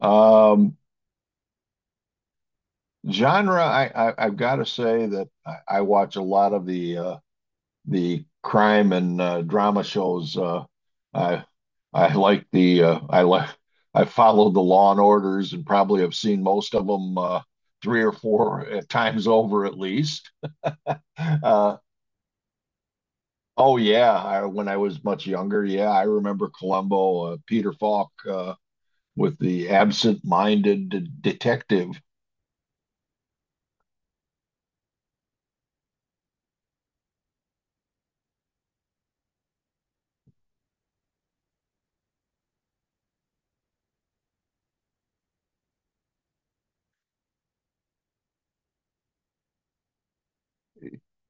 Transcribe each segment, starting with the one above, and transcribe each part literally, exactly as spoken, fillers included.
Um, genre, I, I I've got to say that I, I watch a lot of the uh, the crime and uh, drama shows. Uh, I I like the uh, I like I followed the Law and Orders and probably have seen most of them uh, three or four uh, times over at least. Uh, oh yeah, I, when I was much younger, yeah, I remember Columbo, uh, Peter Falk uh, with the absent-minded d- detective.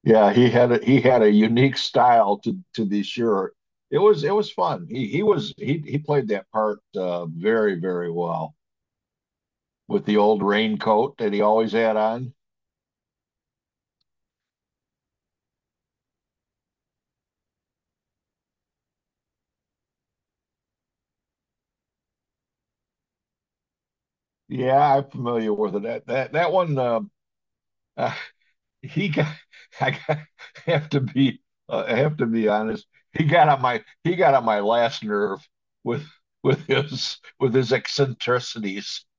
Yeah, he had a he had a unique style to to be sure. It was it was fun. He he was he he played that part uh, very very well with the old raincoat that he always had on. Yeah, I'm familiar with it. That that that one uh, uh, he got I got, have to be uh, I have to be honest. He got on my he got on my last nerve with with his with his eccentricities.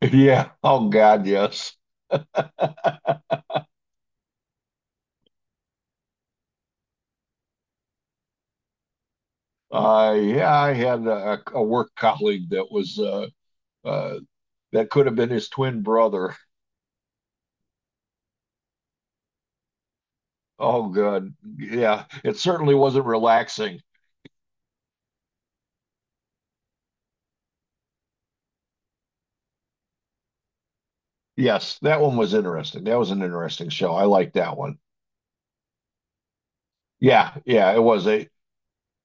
Yeah. Oh God, yes. Uh, yeah, I had a, a work colleague that was uh, uh, that could have been his twin brother. Oh, God. Yeah, it certainly wasn't relaxing. Yes, that one was interesting. That was an interesting show. I liked that one. Yeah, yeah, it was. They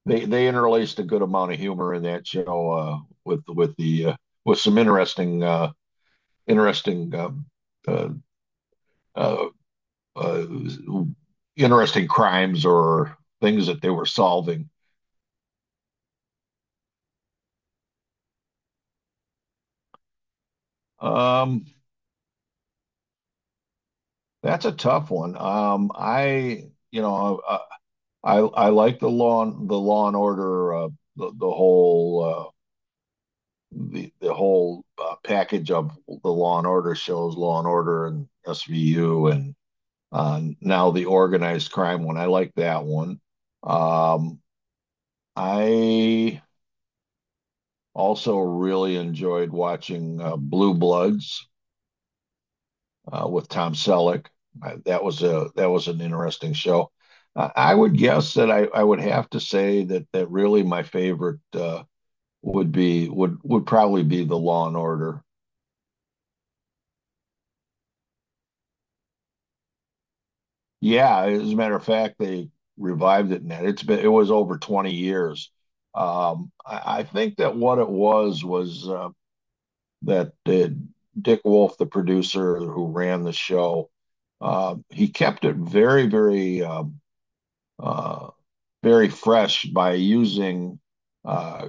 they they interlaced a good amount of humor in that show uh, with with the uh, with some interesting uh, interesting um, uh, uh, uh, interesting crimes or things that they were solving. Um, That's a tough one. Um, I, you know, I, I, I like the law, the Law and Order, uh, the, the whole, uh, the the whole uh, package of the Law and Order shows, Law and Order and S V U, and uh, now the organized crime one. I like that one. Um, I also really enjoyed watching uh, Blue Bloods, uh, with Tom Selleck. I, that was a that was an interesting show. Uh, I would guess that I, I would have to say that that really my favorite uh, would be would would probably be the Law and Order. Yeah, as a matter of fact, they revived it, and it's been it was over twenty years. Um, I, I think that what it was was uh, that uh, Dick Wolf, the producer who ran the show, uh, he kept it very, very um, uh, very fresh by using uh,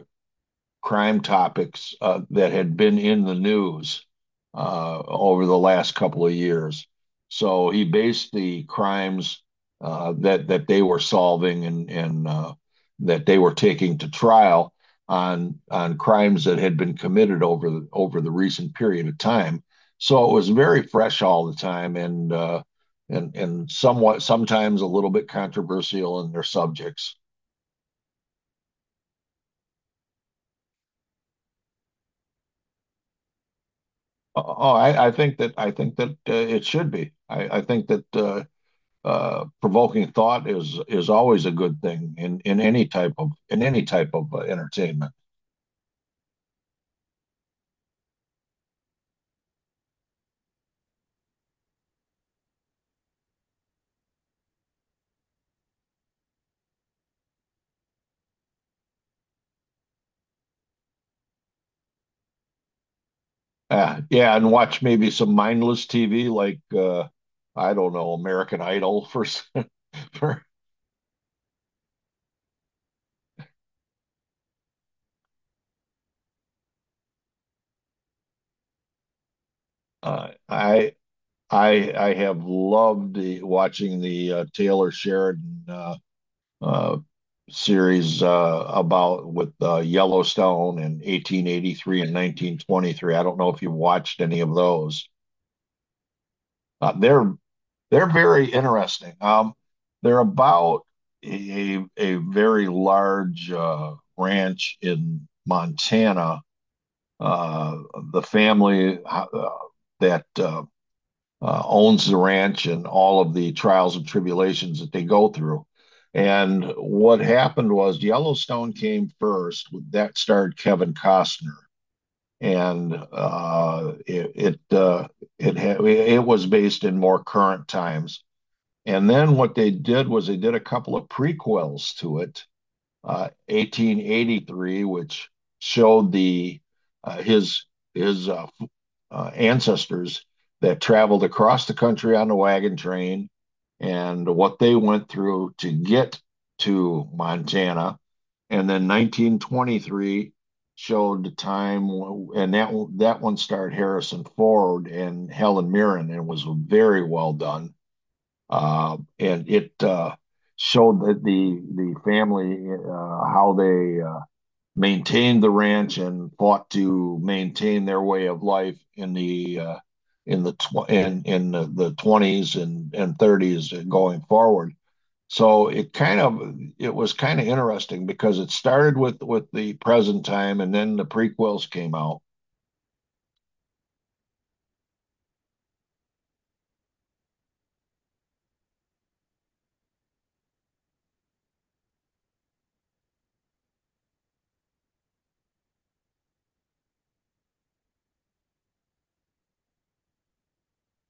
crime topics uh, that had been in the news uh, over the last couple of years. So he based the crimes uh, that that they were solving and and uh, that they were taking to trial on on crimes that had been committed over the, over the recent period of time. So it was very fresh all the time and uh, and and somewhat sometimes a little bit controversial in their subjects. Oh, I, I think that I think that uh, it should be. I, I think that uh, uh, provoking thought is is always a good thing in in any type of in any type of uh, entertainment. Uh, yeah, and watch maybe some mindless T V like uh, I don't know, American Idol for s- for uh, I I I have loved the, watching the uh, Taylor Sheridan uh, uh, series uh, about with uh, Yellowstone in eighteen eighty-three and nineteen twenty-three. I don't know if you watched any of those. Uh, they're they're very interesting. Um, they're about a a very large uh, ranch in Montana. Uh, the family uh, that uh, uh, owns the ranch and all of the trials and tribulations that they go through. And what happened was Yellowstone came first. That starred Kevin Costner, and uh, it it uh, it, ha- it was based in more current times. And then what they did was they did a couple of prequels to it, uh, eighteen eighty-three, which showed the uh, his his uh, uh, ancestors that traveled across the country on the wagon train and what they went through to get to Montana. And then nineteen twenty-three showed the time, and that that one starred Harrison Ford and Helen Mirren, and was very well done. Uh, and it uh, showed that the the family, uh, how they uh, maintained the ranch and fought to maintain their way of life in the uh, in the tw- in in the twenties and and thirties and going forward. So it kind of it was kind of interesting because it started with with the present time and then the prequels came out.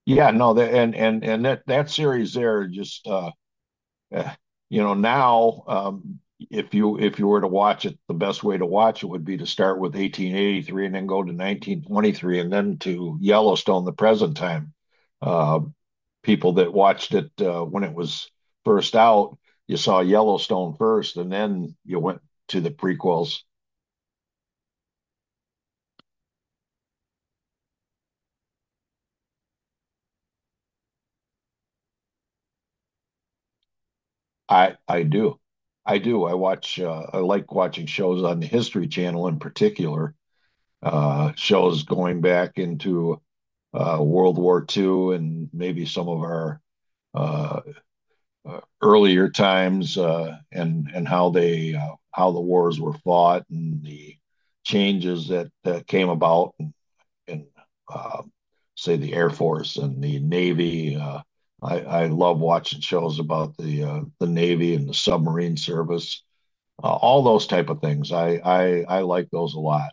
Yeah, no, that and and and that that series there just uh, eh, you know, now, um, if you if you were to watch it, the best way to watch it would be to start with eighteen eighty-three and then go to nineteen twenty-three and then to Yellowstone, the present time. Uh, People that watched it uh, when it was first out, you saw Yellowstone first, and then you went to the prequels. I I do, I do. I watch. Uh, I like watching shows on the History Channel in particular. Uh, shows going back into uh, World War I I and maybe some of our uh, uh, earlier times uh, and and how they uh, how the wars were fought and the changes that, that came about, and, and uh, say, the Air Force and the Navy. Uh, I, I love watching shows about the uh, the Navy and the submarine service, uh, all those type of things. I, I I like those a lot.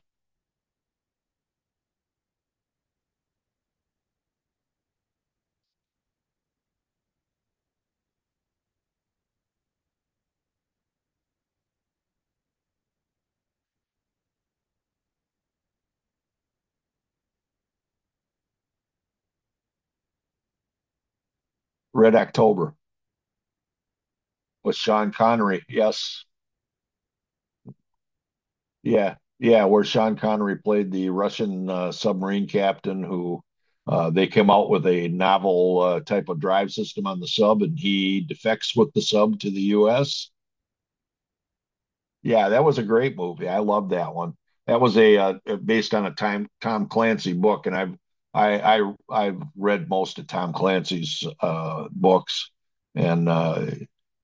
Red October with Sean Connery. Yes. Yeah, yeah, where Sean Connery played the Russian uh, submarine captain who uh, they came out with a novel uh, type of drive system on the sub, and he defects with the sub to the U S. Yeah, that was a great movie. I love that one. That was a uh, uh, based on a time Tom Clancy book, and I've I I I've read most of Tom Clancy's uh, books, and uh,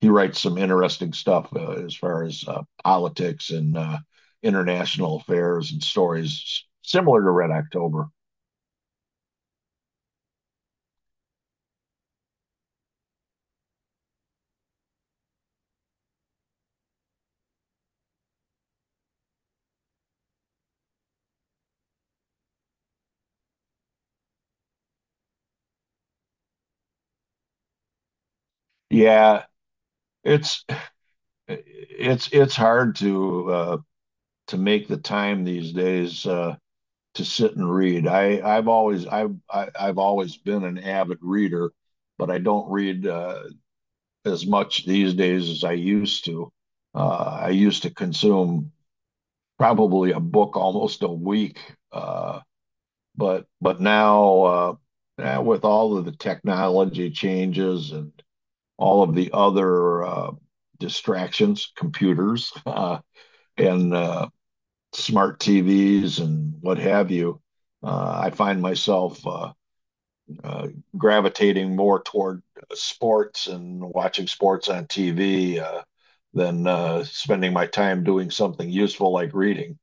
he writes some interesting stuff uh, as far as uh, politics and uh, international affairs and stories similar to Red October. Yeah, it's it's it's hard to uh, to make the time these days. Uh, to sit and read. I I've always I've I, I've always been an avid reader, but I don't read uh, as much these days as I used to. Uh, I used to consume probably a book almost a week, uh, but but now uh, now with all of the technology changes and all of the other uh, distractions, computers, uh, and uh, smart T Vs and what have you, uh, I find myself uh, uh, gravitating more toward sports and watching sports on T V, uh, than uh, spending my time doing something useful like reading.